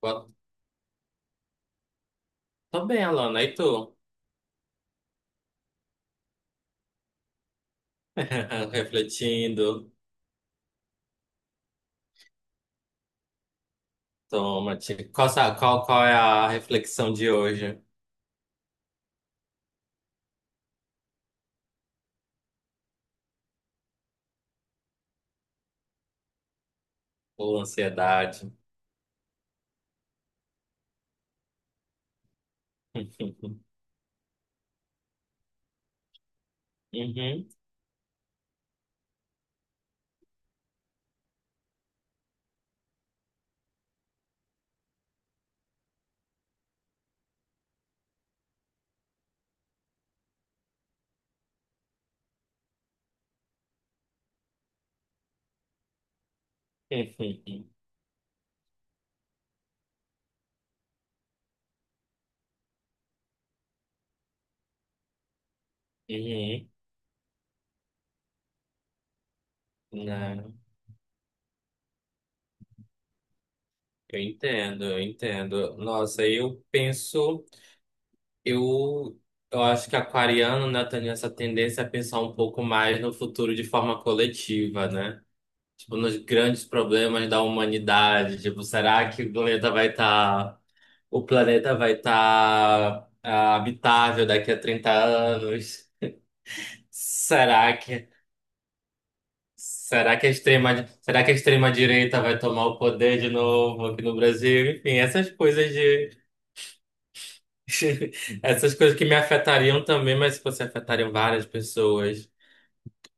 Boa- Tô bem, Alana. E tu? Refletindo. Toma, te- qual, sa- qual, qual é a reflexão de hoje? Ou ansiedade? Uhum. Uhum. Não, eu entendo, eu entendo. Nossa, eu penso, eu, eu acho que aquariano, né, tem essa tendência a pensar um pouco mais no futuro de forma coletiva, né? Tipo, nos grandes problemas da humanidade. Tipo, será que o planeta vai estar. O planeta vai estar habitável daqui a 30 anos. Será que Será que a extrema direita vai tomar o poder de novo aqui no Brasil? Enfim, essas coisas de essas coisas que me afetariam também, mas se fosse afetariam várias pessoas.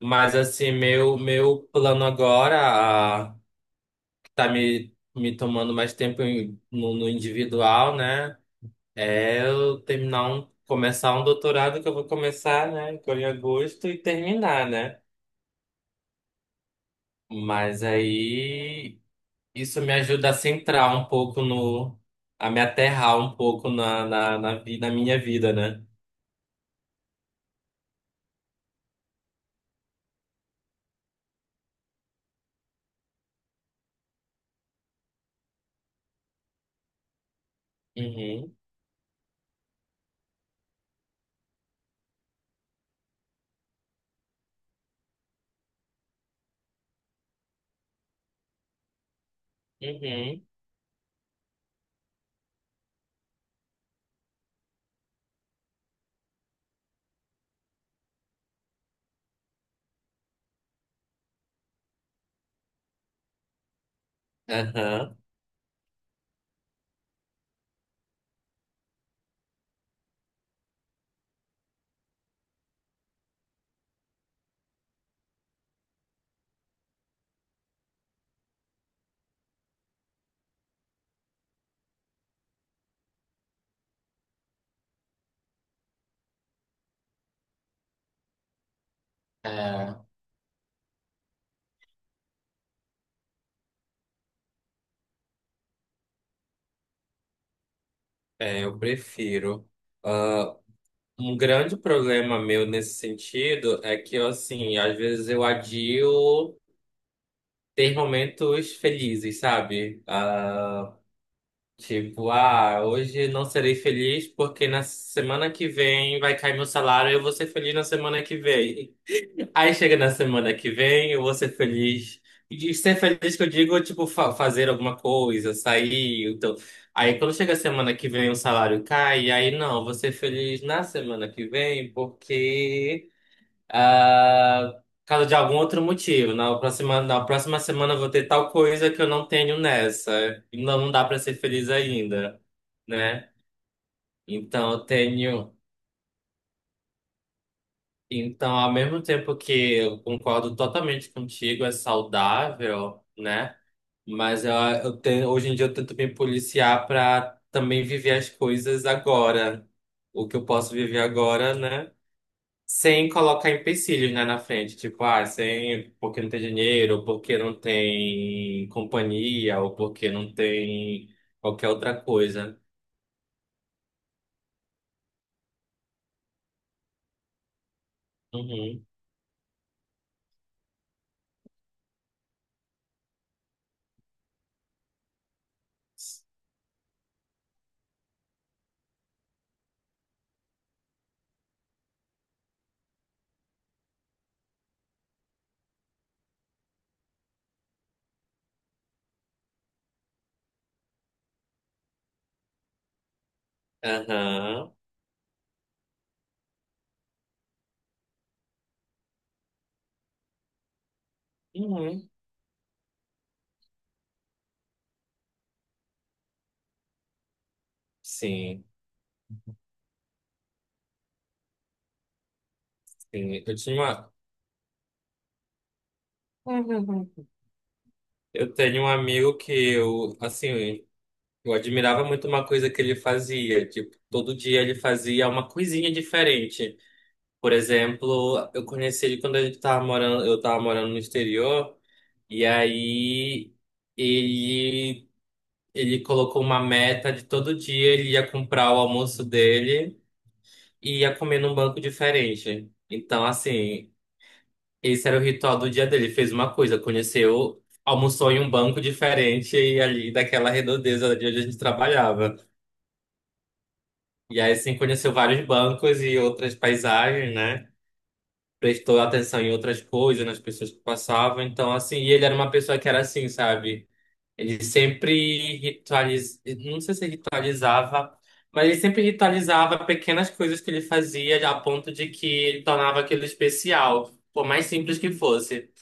Mas assim, meu plano agora, que tá me tomando mais tempo no individual, né? Eu terminar começar um doutorado que eu vou começar, né, agora em agosto e terminar, né? Mas aí isso me ajuda a centrar um pouco no, a me aterrar um pouco na minha vida, né? Uhum, uhum, aham. É, é, eu prefiro. Ah, um grande problema meu nesse sentido é que, eu, assim, às vezes eu adio ter momentos felizes, sabe? Tipo, ah, hoje não serei feliz porque na semana que vem vai cair meu salário e eu vou ser feliz na semana que vem. Aí chega na semana que vem, eu vou ser feliz. E ser feliz que eu digo, tipo, fazer alguma coisa, sair. Então. Aí quando chega a semana que vem o salário cai, aí não, eu vou ser feliz na semana que vem porque. Ah, por causa de algum outro motivo. Na próxima semana eu vou ter tal coisa que eu não tenho nessa. E não, não dá para ser feliz ainda, né? Então eu tenho. Então, ao mesmo tempo que eu concordo totalmente contigo, é saudável, né? Mas eu tenho, hoje em dia eu tento me policiar para também viver as coisas agora. O que eu posso viver agora, né? Sem colocar empecilhos, né, na frente. Tipo, ah, sem, porque não tem dinheiro, ou porque não tem companhia, ou porque não tem qualquer outra coisa. Uhum. Aham. Uhum. Sim, sim. Eu tinha uma. Uhum. Eu tenho um amigo que eu, assim, eu admirava muito uma coisa que ele fazia. Tipo, todo dia ele fazia uma coisinha diferente. Por exemplo, eu conheci ele quando eu tava morando no exterior. E aí ele, ele colocou uma meta de todo dia ele ia comprar o almoço dele e ia comer num banco diferente. Então, assim, esse era o ritual do dia dele. Ele fez uma coisa, conheceu, almoçou em um banco diferente e ali daquela redondeza de onde a gente trabalhava. E aí, assim, conheceu vários bancos e outras paisagens, né? Prestou atenção em outras coisas, nas pessoas que passavam. Então, assim, e ele era uma pessoa que era assim, sabe? Ele sempre ritualizava, não sei se ritualizava, mas ele sempre ritualizava pequenas coisas que ele fazia a ponto de que ele tornava aquilo especial, por mais simples que fosse.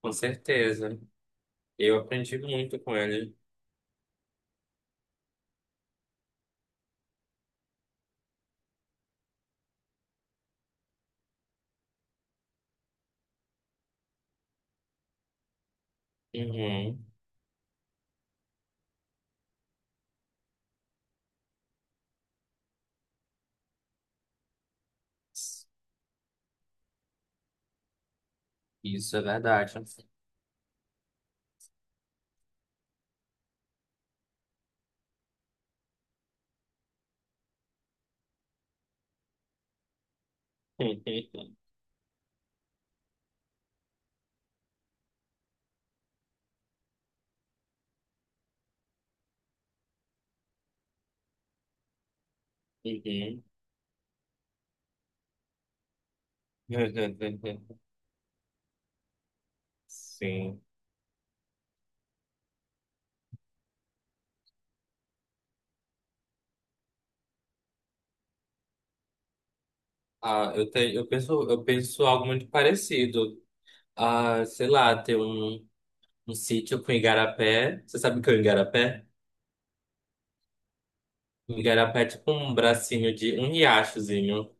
Com certeza. Eu aprendi muito com ele. Uhum. Isso é verdade. Uhum. Sim. Ah, eu tenho, eu penso algo muito parecido. Ah, sei lá, ter um sítio com igarapé. Você sabe o que é o igarapé? Igarapé é tipo um bracinho de um riachozinho.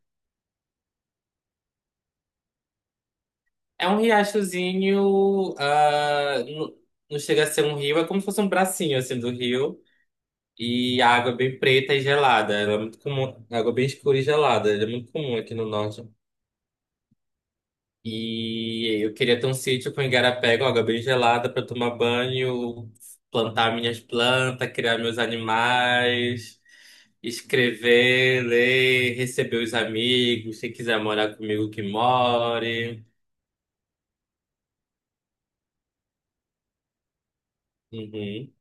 É um riachozinho, não chega a ser um rio, é como se fosse um bracinho assim do rio. E a água é bem preta e gelada. Ela é muito comum, água bem escura e gelada. Ela é muito comum aqui no norte. E eu queria ter um sítio com igarapé, com água bem gelada para tomar banho, plantar minhas plantas, criar meus animais, escrever, ler, receber os amigos, quem quiser morar comigo que more. Uhum.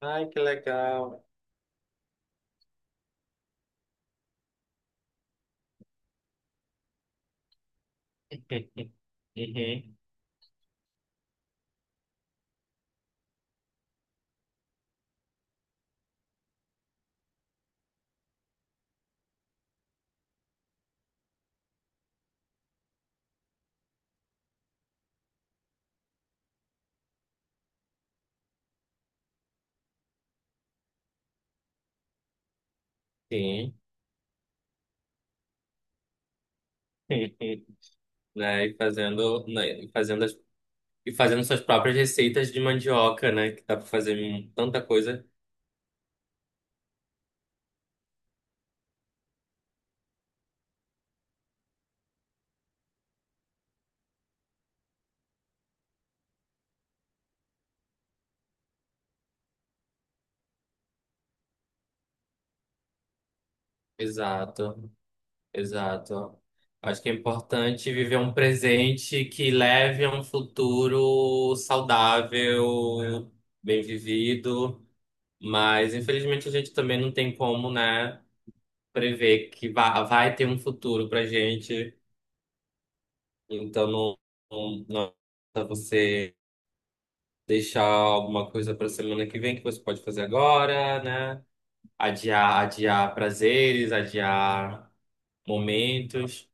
Ai, que legal. Uhum. Sim. Né, e fazendo, né, e fazendo as- e fazendo suas próprias receitas de mandioca, né? Que dá para fazer tanta coisa. Exato. Exato. Acho que é importante viver um presente que leve a um futuro saudável, bem vivido, mas infelizmente a gente também não tem como, né, prever que vai ter um futuro pra gente. Então não, não é você deixar alguma coisa pra semana que vem que você pode fazer agora, né? Adiar, adiar prazeres, adiar momentos.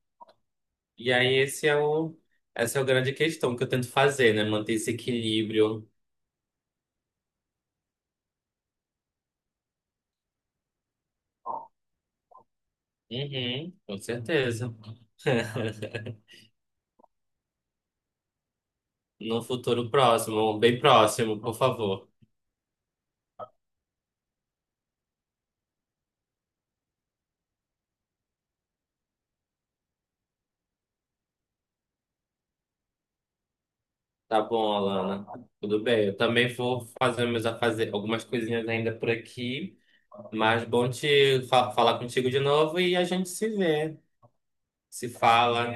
E aí essa é a grande questão que eu tento fazer, né? Manter esse equilíbrio. Uhum, com certeza. No futuro próximo, bem próximo, por favor. Tá bom, Alana. Tudo bem. Eu também vou fazer algumas coisinhas ainda por aqui. Mas bom falar contigo de novo e a gente se vê. Se fala.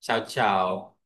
Tchau, tchau.